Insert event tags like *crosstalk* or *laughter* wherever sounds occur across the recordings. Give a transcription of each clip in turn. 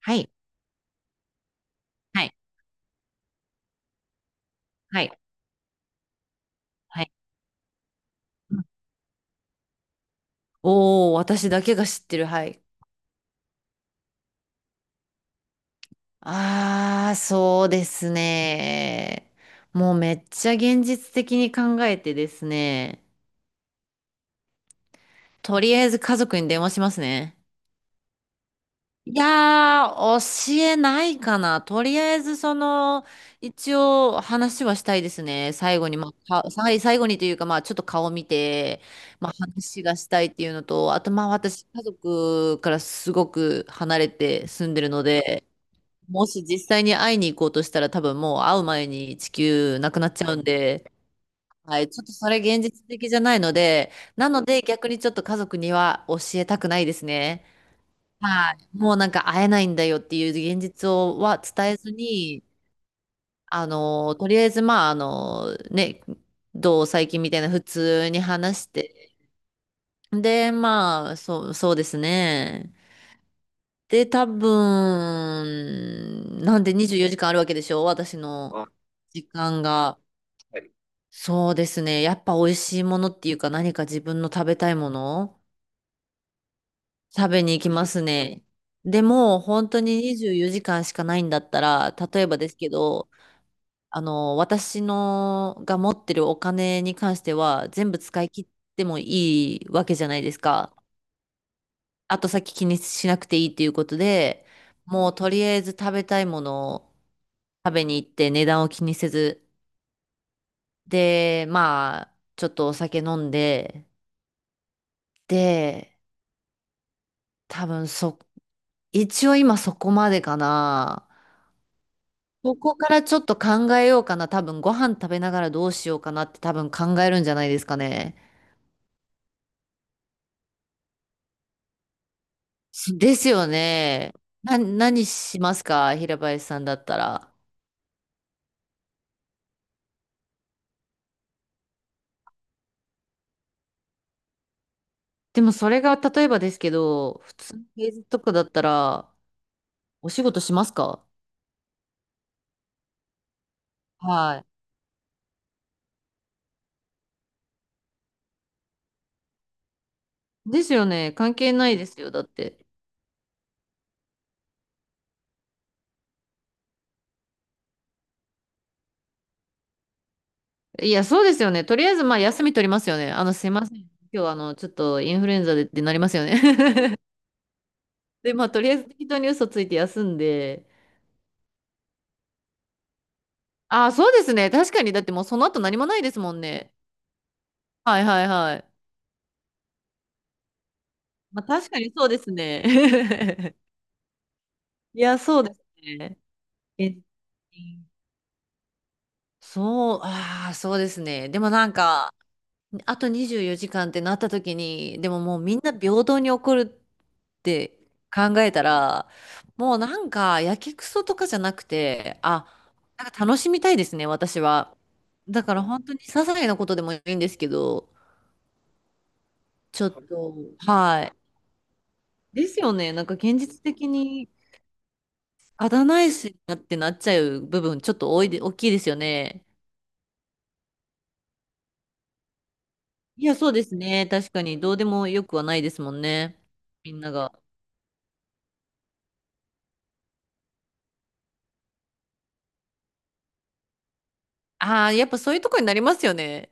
はい。はい。はい。はい。うん。おー、私だけが知ってる。はい。ああ、そうですね。もうめっちゃ現実的に考えてですね。とりあえず家族に電話しますね。いやー、教えないかな。とりあえず、一応話はしたいですね。最後に、まあ、最後にというか、まあ、ちょっと顔見て、まあ、話がしたいっていうのと、あと、まあ、私、家族からすごく離れて住んでるので、もし実際に会いに行こうとしたら、多分もう会う前に地球なくなっちゃうんで、はい、ちょっとそれ現実的じゃないので、なので、逆にちょっと家族には教えたくないですね。はい。もうなんか会えないんだよっていう現実は伝えずに、とりあえずまあ、ね、どう最近みたいな普通に話して。で、まあ、そうですね。で、多分、なんで24時間あるわけでしょ私の時間が。そうですね。やっぱ美味しいものっていうか何か自分の食べたいもの食べに行きますね。でも、本当に24時間しかないんだったら、例えばですけど、私のが持ってるお金に関しては、全部使い切ってもいいわけじゃないですか。後先気にしなくていいっていうことで、もうとりあえず食べたいものを食べに行って値段を気にせず、で、まあ、ちょっとお酒飲んで、で、多分一応今そこまでかな。ここからちょっと考えようかな。多分ご飯食べながらどうしようかなって多分考えるんじゃないですかね。ですよね。何しますか、平林さんだったら？でもそれが例えばですけど、普通の平日とかだったらお仕事しますか？はい。ですよね。関係ないですよ。だって。いや、そうですよね。とりあえずまあ休み取りますよね。すいません。今日ちょっとインフルエンザでってなりますよね。*laughs* で、まあとりあえず適当に嘘ついて休んで、あ、そうですね。確かに。だってもうその後何もないですもんね。はいはいはい。まあ確かにそうですね。*laughs* いや、そうですね。え、そう、ああ、そうですね。でもなんか、あと24時間ってなった時に、でももうみんな平等に怒るって考えたら、もうなんか、やけくそとかじゃなくて、あ、なんか楽しみたいですね、私は。だから本当に些細なことでもいいんですけど、ちょっと、はい、ですよね。なんか現実的にあだ名いしなってなっちゃう部分ちょっと多いで、大きいですよね。いや、そうですね。確かにどうでもよくはないですもんね。みんなが。ああ、やっぱそういうとこになりますよね。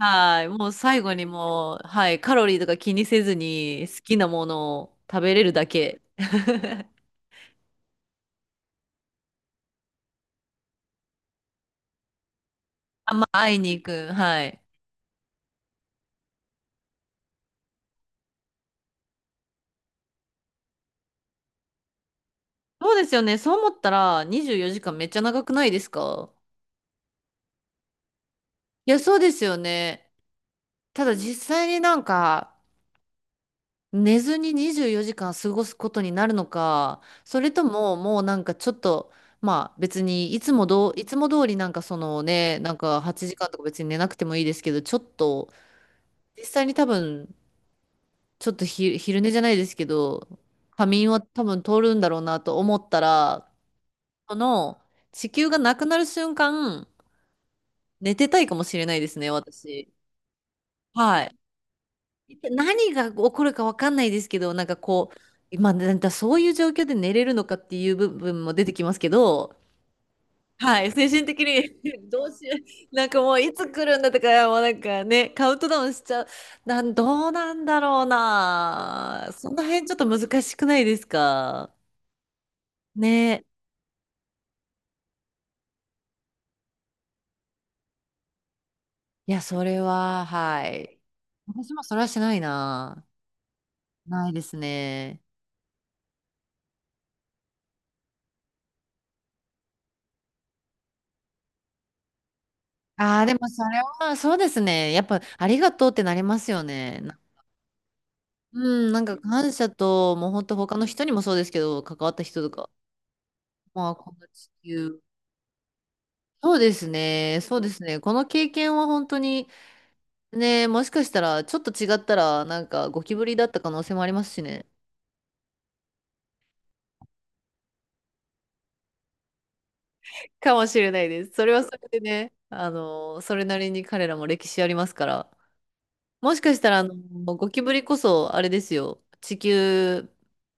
はい。もう最後にもう、はい。カロリーとか気にせずに好きなものを食べれるだけ。*laughs* あんまあ会いに行く。はい。そうですよね。そう思ったら24時間めっちゃ長くないですか？いや、そうですよね。ただ実際になんか、寝ずに24時間過ごすことになるのか、それとももうなんかちょっと、まあ別にいつも通りなんかね、なんか8時間とか別に寝なくてもいいですけど、ちょっと、実際に多分、ちょっと昼寝じゃないですけど、仮眠は多分通るんだろうなと思ったら、この地球がなくなる瞬間、寝てたいかもしれないですね、私。はい。何が起こるか分かんないですけど、なんかこう、まあ、なんかそういう状況で寝れるのかっていう部分も出てきますけど、はい、精神的に *laughs* どうしよう、なんかもういつ来るんだとか、もうなんかね、カウントダウンしちゃう、どうなんだろうな、その辺ちょっと難しくないですか。ね、いや、それは、はい。私もそれはしないな。ないですね。ああ、でもそれは、そうですね。やっぱ、ありがとうってなりますよね。うん、なんか感謝と、もう本当他の人にもそうですけど、関わった人とか、まあ、この地球。そうですね、そうですね。この経験は本当に、ね、もしかしたら、ちょっと違ったら、なんかゴキブリだった可能性もありますしね。かもしれないです。それはそれでね、それなりに彼らも歴史ありますから。もしかしたら、ゴキブリこそ、あれですよ、地球、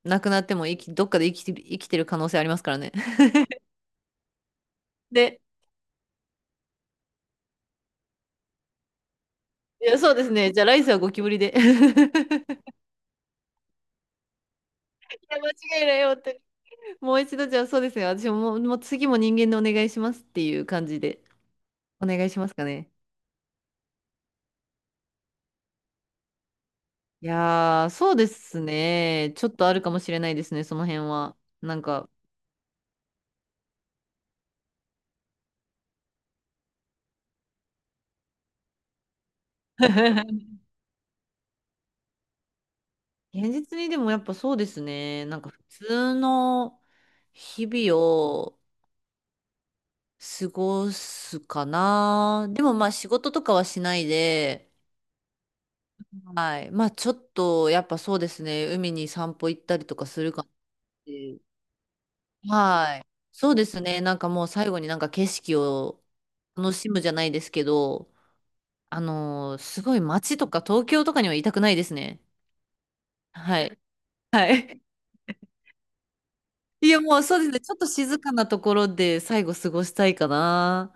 なくなってもどっかで生きて、生きてる可能性ありますからね。*laughs* で、いや、そうですね。じゃあ来世はゴキブリで。*laughs* や、間違いないよって。もう一度、じゃあそうですね。私も、もう次も人間でお願いしますっていう感じで、お願いしますかね。いやー、そうですね。ちょっとあるかもしれないですね、その辺は。なんか、*laughs* 現実にでもやっぱそうですね。なんか普通の日々を過ごすかな。でもまあ仕事とかはしないで、はい。まあちょっとやっぱそうですね。海に散歩行ったりとかするかなって。はい。そうですね。なんかもう最後になんか景色を楽しむじゃないですけど、すごい街とか東京とかにはいたくないですね。はい。*laughs* はい。*laughs* いや、もうそうですね。ちょっと静かなところで最後過ごしたいかな。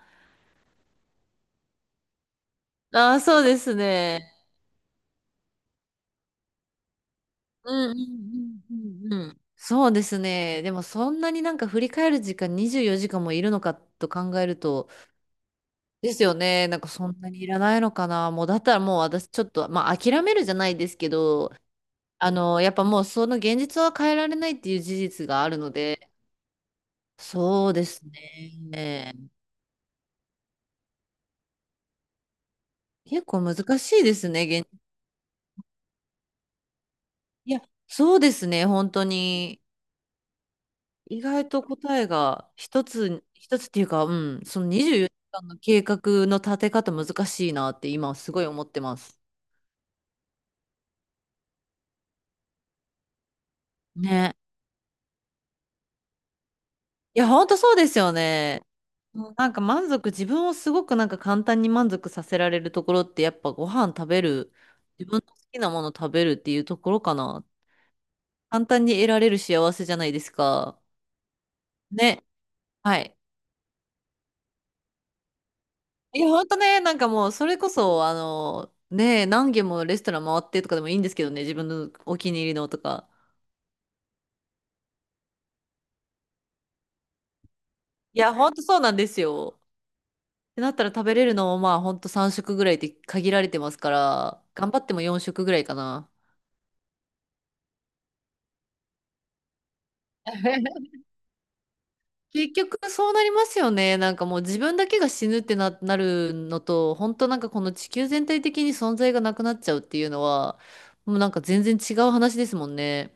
ああ、そうですね。うんうんうんうんうん。そうですね。でもそんなになんか振り返る時間24時間もいるのかと考えると、ですよね。なんかそんなにいらないのかな。もうだったらもう私ちょっと、まあ諦めるじゃないですけど、やっぱもうその現実は変えられないっていう事実があるので、そうですね。結構難しいですね、いや、そうですね、本当に。意外と答えが一つっていうか、うん、その24時間の計画の立て方難しいなって今すごい思ってます。ね。いや、本当そうですよね。うんなんか満足、自分をすごくなんか簡単に満足させられるところってやっぱご飯食べる、自分の好きなもの食べるっていうところかな。簡単に得られる幸せじゃないですか。ね。はい。いや、ほんとね、なんかもう、それこそ、ね、何軒もレストラン回ってとかでもいいんですけどね、自分のお気に入りのとか。いや、ほんとそうなんですよ。ってなったら食べれるのも、まあ、ほんと3食ぐらいって限られてますから、頑張っても4食ぐらいかな。*laughs* 結局そうなりますよね。なんかもう自分だけが死ぬってなるのと、本当なんかこの地球全体的に存在がなくなっちゃうっていうのは、もうなんか全然違う話ですもんね。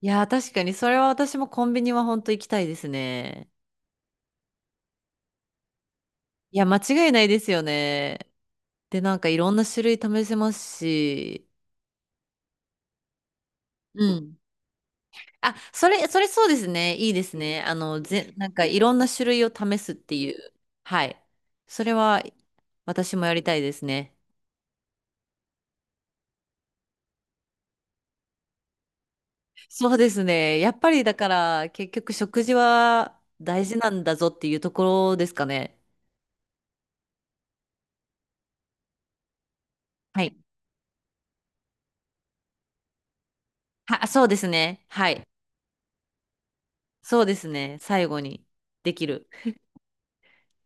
いやー、確かにそれは私もコンビニは本当行きたいですね。いや、間違いないですよね。で、なんかいろんな種類試せますし、うん。あ、それそうですね。いいですね。なんかいろんな種類を試すっていう。はい。それは私もやりたいですね。そうですね。やっぱりだから結局食事は大事なんだぞっていうところですかね。はい。そうですね。はい。そうですね。最後にできる。